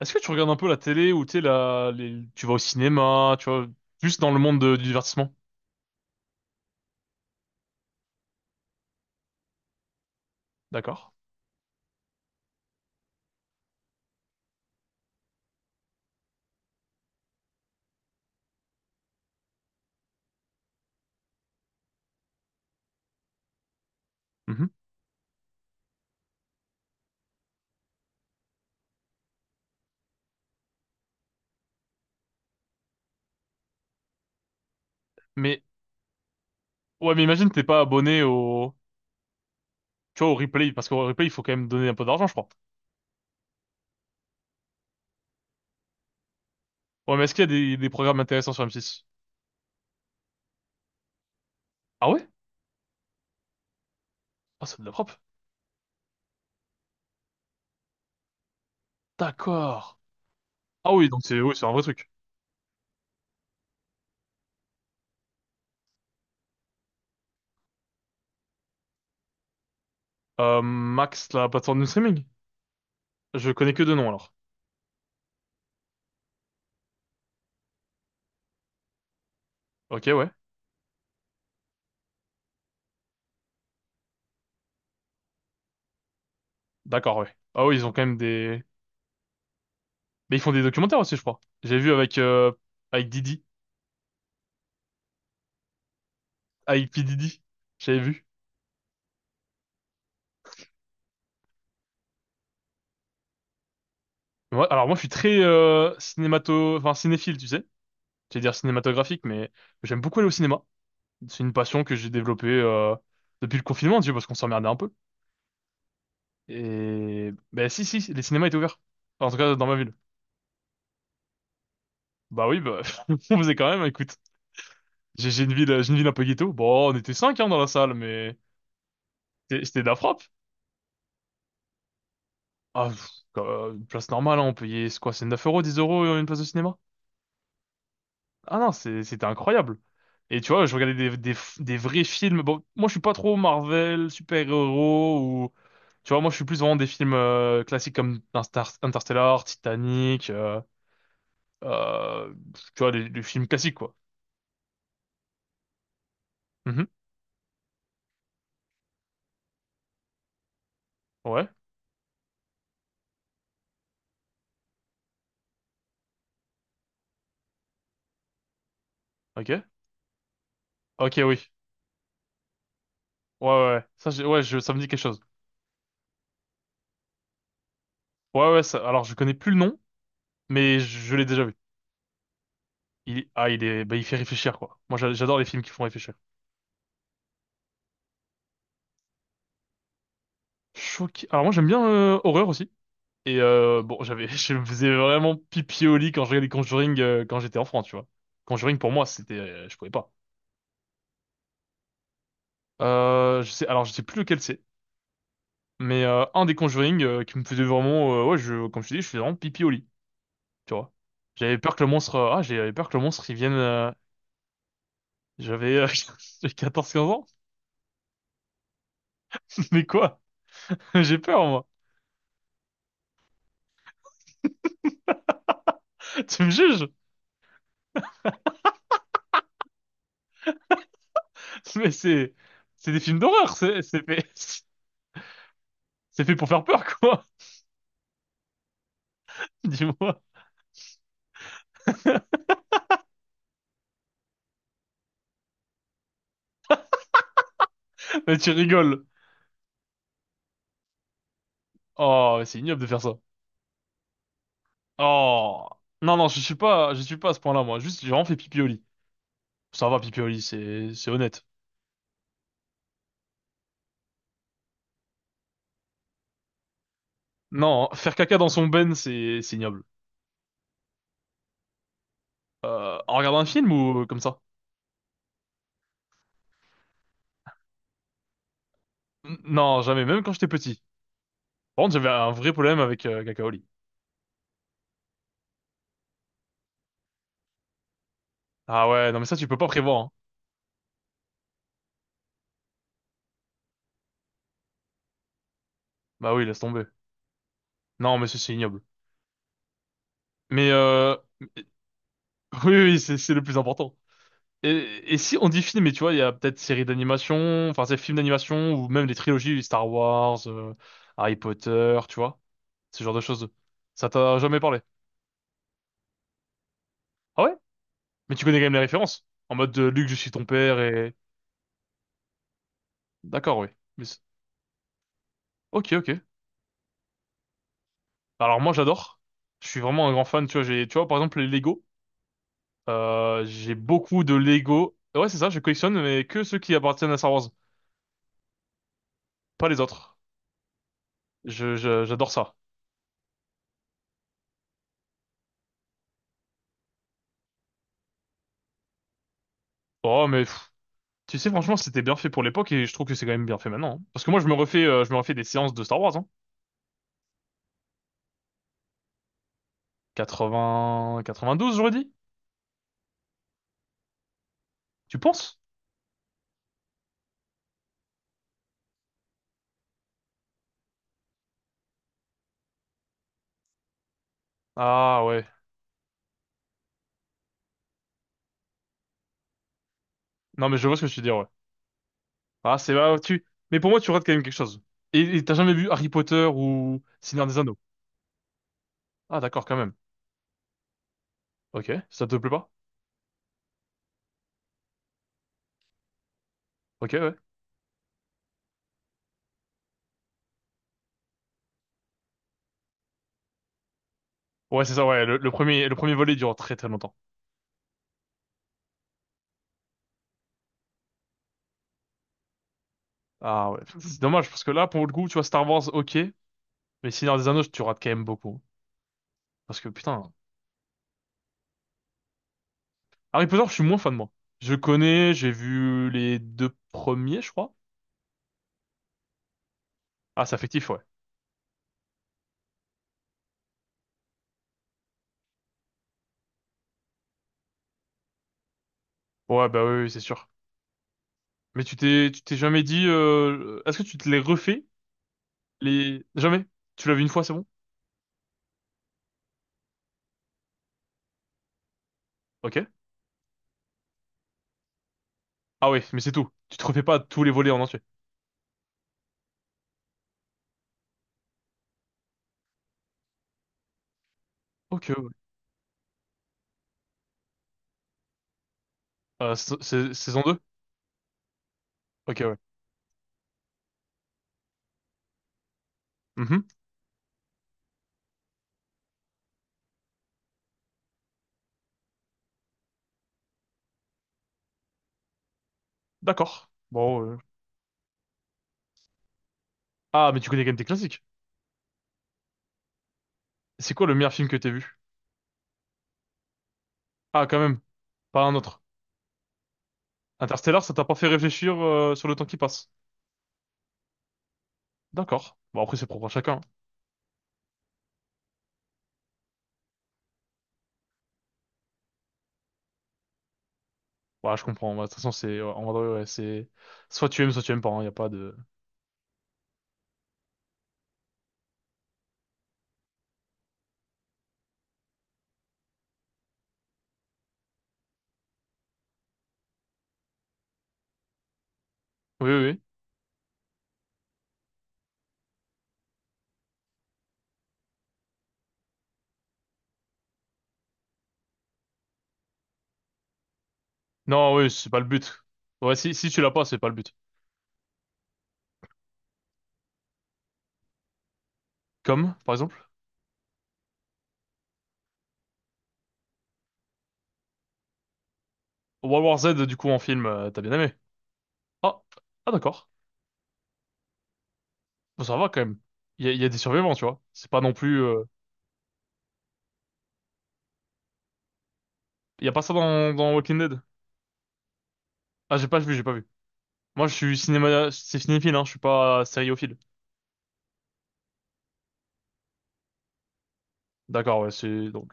Est-ce que tu regardes un peu la télé ou tu sais, tu vas au cinéma, tu vois, plus dans le monde du divertissement? D'accord. Mhm. Mais, ouais, mais imagine t'es pas abonné au, tu vois, au replay, parce qu'au replay, il faut quand même donner un peu d'argent, je crois. Ouais, mais est-ce qu'il y a des programmes intéressants sur m six? Ah ouais? Ah, c'est de la propre. D'accord. Ah oui, donc c'est, oui, c'est un vrai truc. Max, la plateforme de streaming? Je connais que deux noms, alors. Ok, ouais. D'accord, ouais. Ah oui, ils ont quand même des, mais ils font des documentaires aussi, je crois. J'ai vu avec Didi, avec P. Didi. J'avais vu. Ouais, alors moi je suis très enfin cinéphile, tu sais. J'allais dire cinématographique, mais j'aime beaucoup aller au cinéma. C'est une passion que j'ai développée depuis le confinement, tu sais, parce qu'on s'emmerdait un peu. Et ben si si, les cinémas étaient ouverts. Enfin, en tout cas dans ma ville. Bah oui, bah on faisait quand même. Écoute, j'ai une ville, un peu ghetto. Bon, on était cinq hein, dans la salle, mais c'était de la frappe. Ah, une place normale, hein, on payait c'est quoi, c'est 9 euros, 10 euros une place de cinéma? Ah non, c'était incroyable. Et tu vois, je regardais des vrais films. Bon, moi, je suis pas trop Marvel, super-héros ou... Tu vois, moi, je suis plus vraiment des films classiques comme Interstellar, Titanic, euh, tu vois, des films classiques, quoi. Mhm. Ouais, ok. Ok, oui. Ouais, ouais, ouais. Ouais, ça me dit quelque chose. Ouais, ouais, alors, je connais plus le nom, mais je l'ai déjà vu. Ah, bah, il fait réfléchir, quoi. Moi, j'adore les films qui font réfléchir. Choqué. Alors, moi, j'aime bien horreur aussi. Et bon, je me faisais vraiment pipi au lit quand je regardais Conjuring quand j'étais enfant, tu vois. Conjuring pour moi, je pouvais pas. Alors je sais plus lequel c'est, mais un des Conjuring qui me faisait vraiment, ouais, comme je te dis, je faisais vraiment pipi au lit, tu vois. J'avais peur que le monstre il vienne. J'avais, euh, j'ai 14-15 ans, mais quoi? J'ai peur moi. Tu me juges? Mais c'est des films d'horreur, c'est fait pour faire peur, quoi. Dis-moi. Mais tu rigoles. Oh, mais c'est ignoble de faire ça. Oh. Non, non, je suis pas à ce point-là, moi. Juste, j'ai vraiment fait pipi au lit. Ça va, pipi au lit, c'est honnête. Non, faire caca dans son ben, c'est ignoble. En regardant un film ou comme ça? Non, jamais, même quand j'étais petit. Par contre, j'avais un vrai problème avec caca au lit. Ah ouais, non, mais ça, tu peux pas prévoir, hein. Bah oui, laisse tomber. Non, mais ça, c'est ignoble. Mais, euh, oui, oui, oui, c'est le plus important. Et si on dit film, mais tu vois, il y a peut-être séries d'animation, enfin c'est films d'animation ou même des trilogies Star Wars, Harry Potter, tu vois, ce genre de choses. Ça t'a jamais parlé? Ah ouais? Mais tu connais quand même les références. En mode de Luc, je suis ton père et. D'accord, oui. Mais ok, ok. Alors moi j'adore. Je suis vraiment un grand fan. Tu vois, tu vois, par exemple les Lego. J'ai beaucoup de Lego. Ouais, c'est ça. Je collectionne mais que ceux qui appartiennent à Star Wars, pas les autres. J'adore ça. Oh mais. Tu sais, franchement, c'était bien fait pour l'époque et je trouve que c'est quand même bien fait maintenant, hein. Parce que moi, je me refais des séances de Star Wars, hein. 80, 92, j'aurais dit. Tu penses? Ah ouais. Non, mais je vois ce que tu veux dire, ouais. Ah, c'est bah, tu. Mais pour moi, tu rates quand même quelque chose. Et t'as jamais vu Harry Potter ou Seigneur des Anneaux? Ah, d'accord, quand même. Ok, ça te plaît pas? Ok, ouais. Ouais, c'est ça, ouais. Le premier volet dure très très longtemps. Ah ouais. C'est dommage parce que là, pour le coup, tu vois, Star Wars, ok. Mais Seigneur des Anneaux, tu rates quand même beaucoup. Parce que putain, Harry Potter, je suis moins fan, moi. Je connais, j'ai vu les deux premiers, je crois. Ah, c'est affectif, ouais. Ouais, bah oui, oui, c'est sûr. Mais tu t'es jamais dit, est-ce que tu te les refais? Les... Jamais? Tu l'as vu une fois, c'est bon? Ok. Ah oui, mais c'est tout. Tu te refais pas tous les volets en entier. Ok, ouais. Saison 2. Ok, ouais. Mhm. D'accord. Bon. Ah, mais tu connais quand même tes classiques. C'est quoi le meilleur film que t'aies vu? Ah, quand même. Pas un autre. Interstellar, ça t'a pas fait réfléchir, sur le temps qui passe. D'accord. Bon, après, c'est propre à chacun, hein. Ouais, je comprends. Bah, de toute façon, c'est, ouais, en vrai, ouais, c'est, soit tu aimes pas, il n'y a pas de... Oui, oui, oui. Non, oui, c'est pas le but. Ouais, si, si tu l'as pas, c'est pas le but. Comme, par exemple, World War Z, du coup, en film, t'as bien aimé. Ah, ah d'accord. Bon, ça va quand même. Il y a des survivants, tu vois. C'est pas non plus il y a pas ça dans, Walking Dead. Ah, j'ai pas vu. Moi, c'est cinéphile, hein, je suis pas sériophile. D'accord, ouais, donc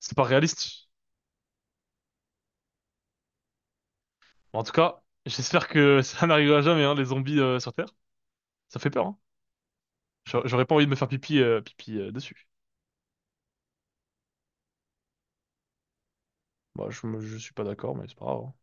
c'est pas réaliste. En tout cas, j'espère que ça n'arrivera jamais, hein, les zombies sur Terre. Ça fait peur, hein. J'aurais pas envie de me faire pipi dessus. Bah, je suis pas d'accord, mais c'est pas grave, hein.